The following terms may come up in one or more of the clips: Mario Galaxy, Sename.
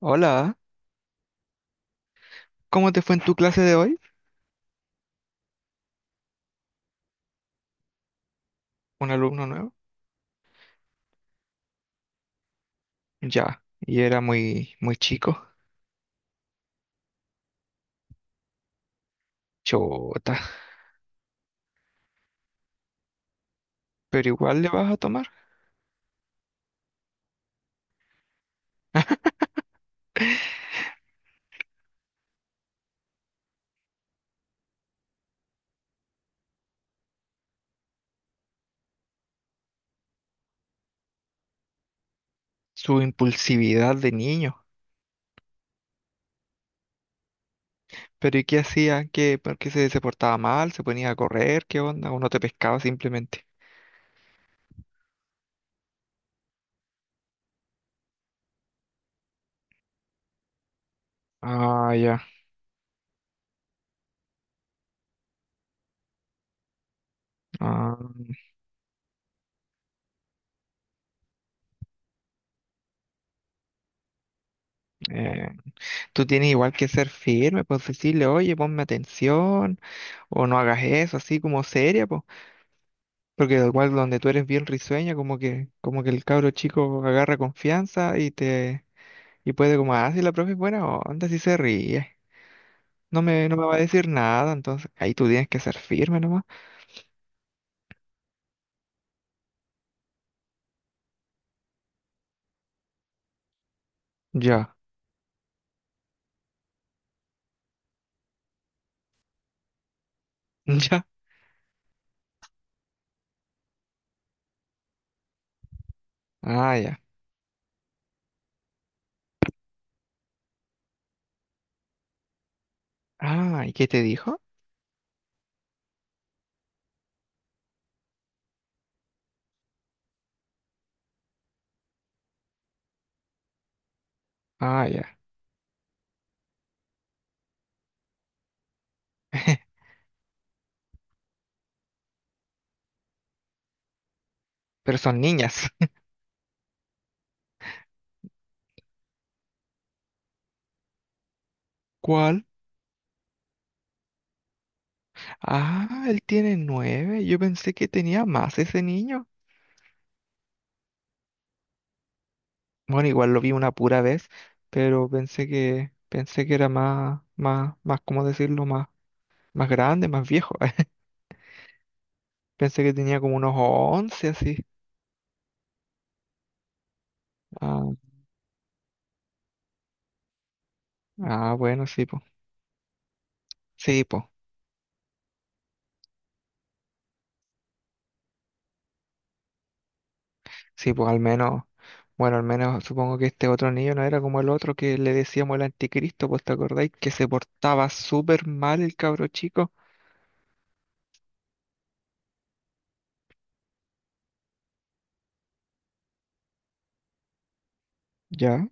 Hola, ¿cómo te fue en tu clase de hoy? ¿Un alumno nuevo? Ya, y era muy, muy chico. Chota, pero igual le vas a tomar su impulsividad de niño. Pero ¿y qué hacía? ¿Qué, por qué se portaba mal? ¿Se ponía a correr? ¿Qué onda? ¿O no te pescaba simplemente? Ah, ya. Ah, eh, Tú tienes igual que ser firme, pues decirle, oye, ponme atención, o no hagas eso, así como seria, pues. Porque igual donde tú eres bien risueña, como que el cabro chico agarra confianza y te. Y puede como, ah, si la profe es buena onda, si se ríe. No me va a decir nada, entonces ahí tú tienes que ser firme nomás. Ya, ya. Ah, ya. Ah, ¿y qué te dijo? Ah, ya. Pero son niñas. ¿Cuál? Ah, él tiene nueve. Yo pensé que tenía más ese niño. Bueno, igual lo vi una pura vez, pero pensé que era más, más, más, ¿cómo decirlo? Más, más grande, más viejo. Pensé que tenía como unos once así. Ah, ah, bueno, sí, po. Sí, po. Sí, pues al menos, bueno, al menos supongo que este otro niño no era como el otro que le decíamos el anticristo, pues ¿te acordáis que se portaba súper mal el cabro chico? Ya.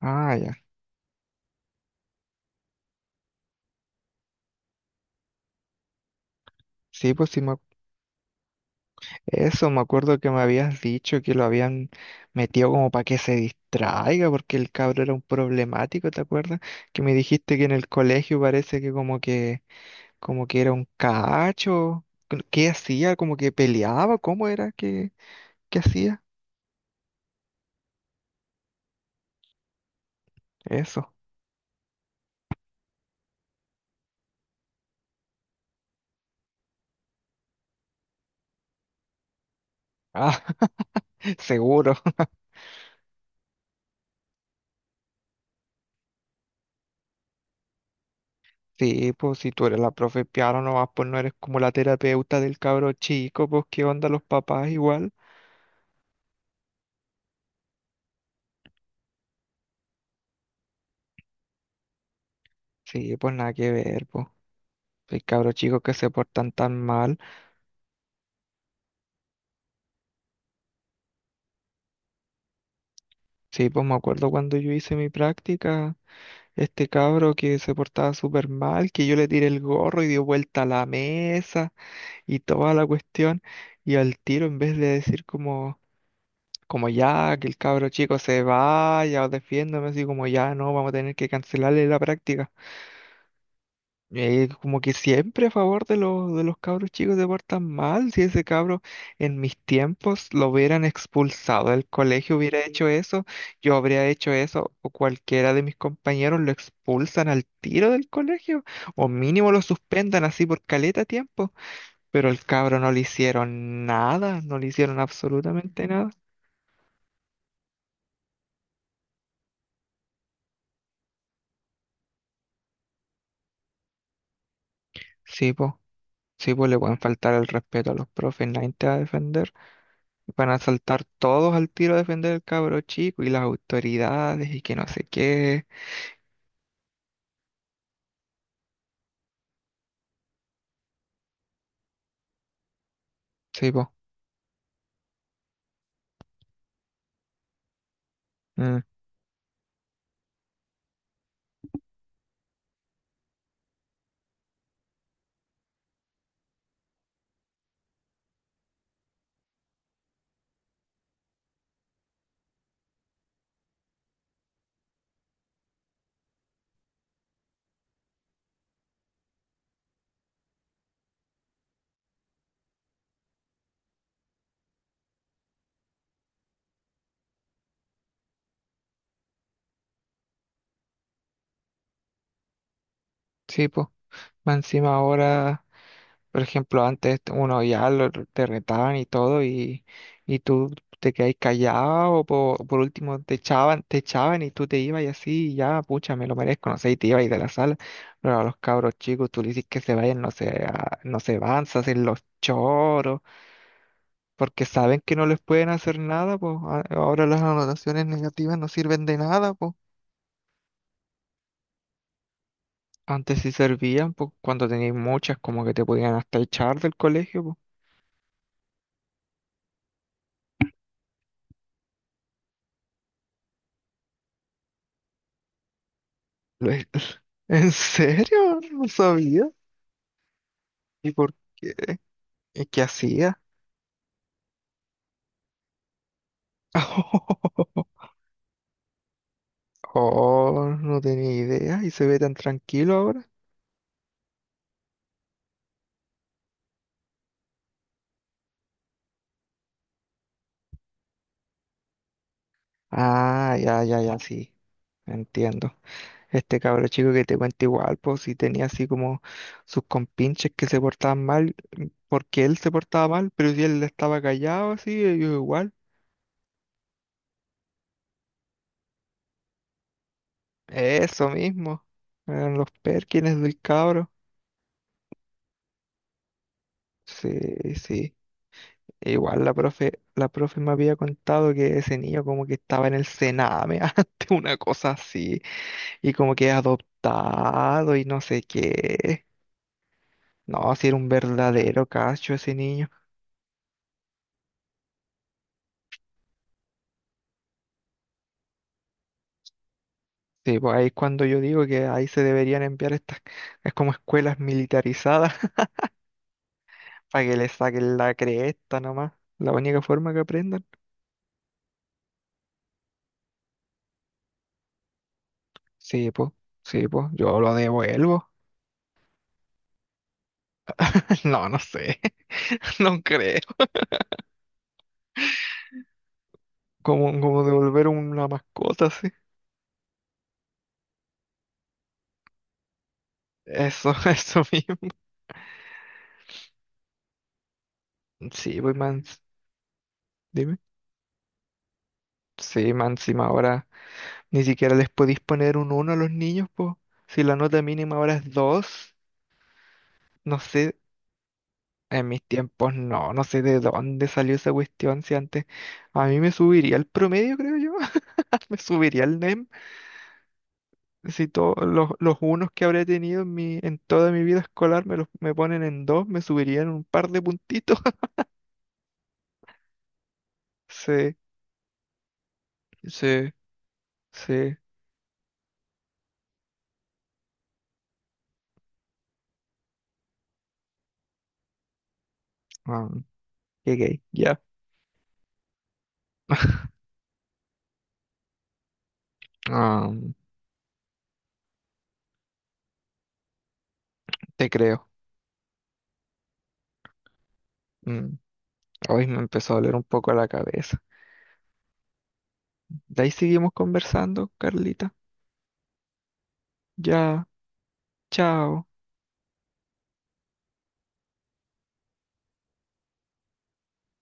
Ah, ya. Sí, pues sí, eso me acuerdo que me habías dicho que lo habían metido como para que se distraiga, porque el cabro era un problemático, ¿te acuerdas? Que me dijiste que en el colegio parece que como que era un cacho. ¿Qué hacía? ¿Como que peleaba? ¿Cómo era que hacía? Eso. Ah, seguro. Sí, pues si tú eres la profe de piano nomás, pues no eres como la terapeuta del cabro chico, pues qué onda los papás igual. Sí, pues nada que ver, pues. Hay cabros chicos que se portan tan mal. Sí, pues me acuerdo cuando yo hice mi práctica, este cabro que se portaba súper mal, que yo le tiré el gorro y dio vuelta a la mesa y toda la cuestión. Y al tiro, en vez de decir como, como ya, que el cabro chico se vaya o defiéndame, así como ya, no, vamos a tener que cancelarle la práctica. Como que siempre a favor de los cabros chicos se portan mal. Si ese cabro en mis tiempos lo hubieran expulsado del colegio, hubiera hecho eso, yo habría hecho eso, o cualquiera de mis compañeros lo expulsan al tiro del colegio, o mínimo lo suspendan así por caleta tiempo. Pero el cabro no le hicieron nada, no le hicieron absolutamente nada. Sí, po, sí, po, le pueden faltar el respeto a los profes, nadie te va a defender. Van a saltar todos al tiro a defender al cabro chico y las autoridades y que no sé qué. Sí, po. Mm, sí, po. Más encima ahora, por ejemplo, antes uno ya lo, te retaban y todo y tú te quedabas callado o por último te echaban y tú te ibas y así y ya, pucha, me lo merezco, no sé, y te ibas de la sala. Pero a los cabros chicos tú le dices que se vayan, no se van, se hacen los choros porque saben que no les pueden hacer nada, pues ahora las anotaciones negativas no sirven de nada, pues. Antes sí servían, pues cuando tenías muchas como que te podían hasta echar del colegio, pues. Lo- he- ¿En serio? No sabía. ¿Y por qué? ¿Y qué hacía? Oh, no tenía idea. ¿Y se ve tan tranquilo ahora? Ah, ya, ya, ya, sí. Entiendo. Este cabro chico que te cuenta igual, pues sí tenía así como sus compinches que se portaban mal porque él se portaba mal, pero si él estaba callado así, ellos igual. Eso mismo. Eran los Perkins del cabro. Sí, sí. Igual la profe me había contado que ese niño como que estaba en el Sename antes, una cosa así, y como que adoptado y no sé qué. No, si era un verdadero cacho ese niño. Sí, pues ahí es cuando yo digo que ahí se deberían enviar estas, es como escuelas militarizadas. Para que le saquen la cresta nomás. La única forma que aprendan. Sí, pues, sí, pues, yo lo devuelvo. No, no sé, no creo. Como, como devolver una mascota, sí. Eso, eso mismo. Sí, pues, man, dime. Sí, man, encima ahora ni siquiera les podéis poner un uno a los niños, pues. Si la nota mínima ahora es dos. No sé, en mis tiempos no, no sé de dónde salió esa cuestión, si antes a mí me subiría el promedio, creo yo, me subiría el NEM. Si los unos que habré tenido en mi, en toda mi vida escolar me los me ponen en dos, me subirían un par de puntitos. Sí, sí, sí. Ah, qué gay, ya. Ah, te creo. Mm, hoy me empezó a doler un poco la cabeza. De ahí seguimos conversando, Carlita. Ya, chao.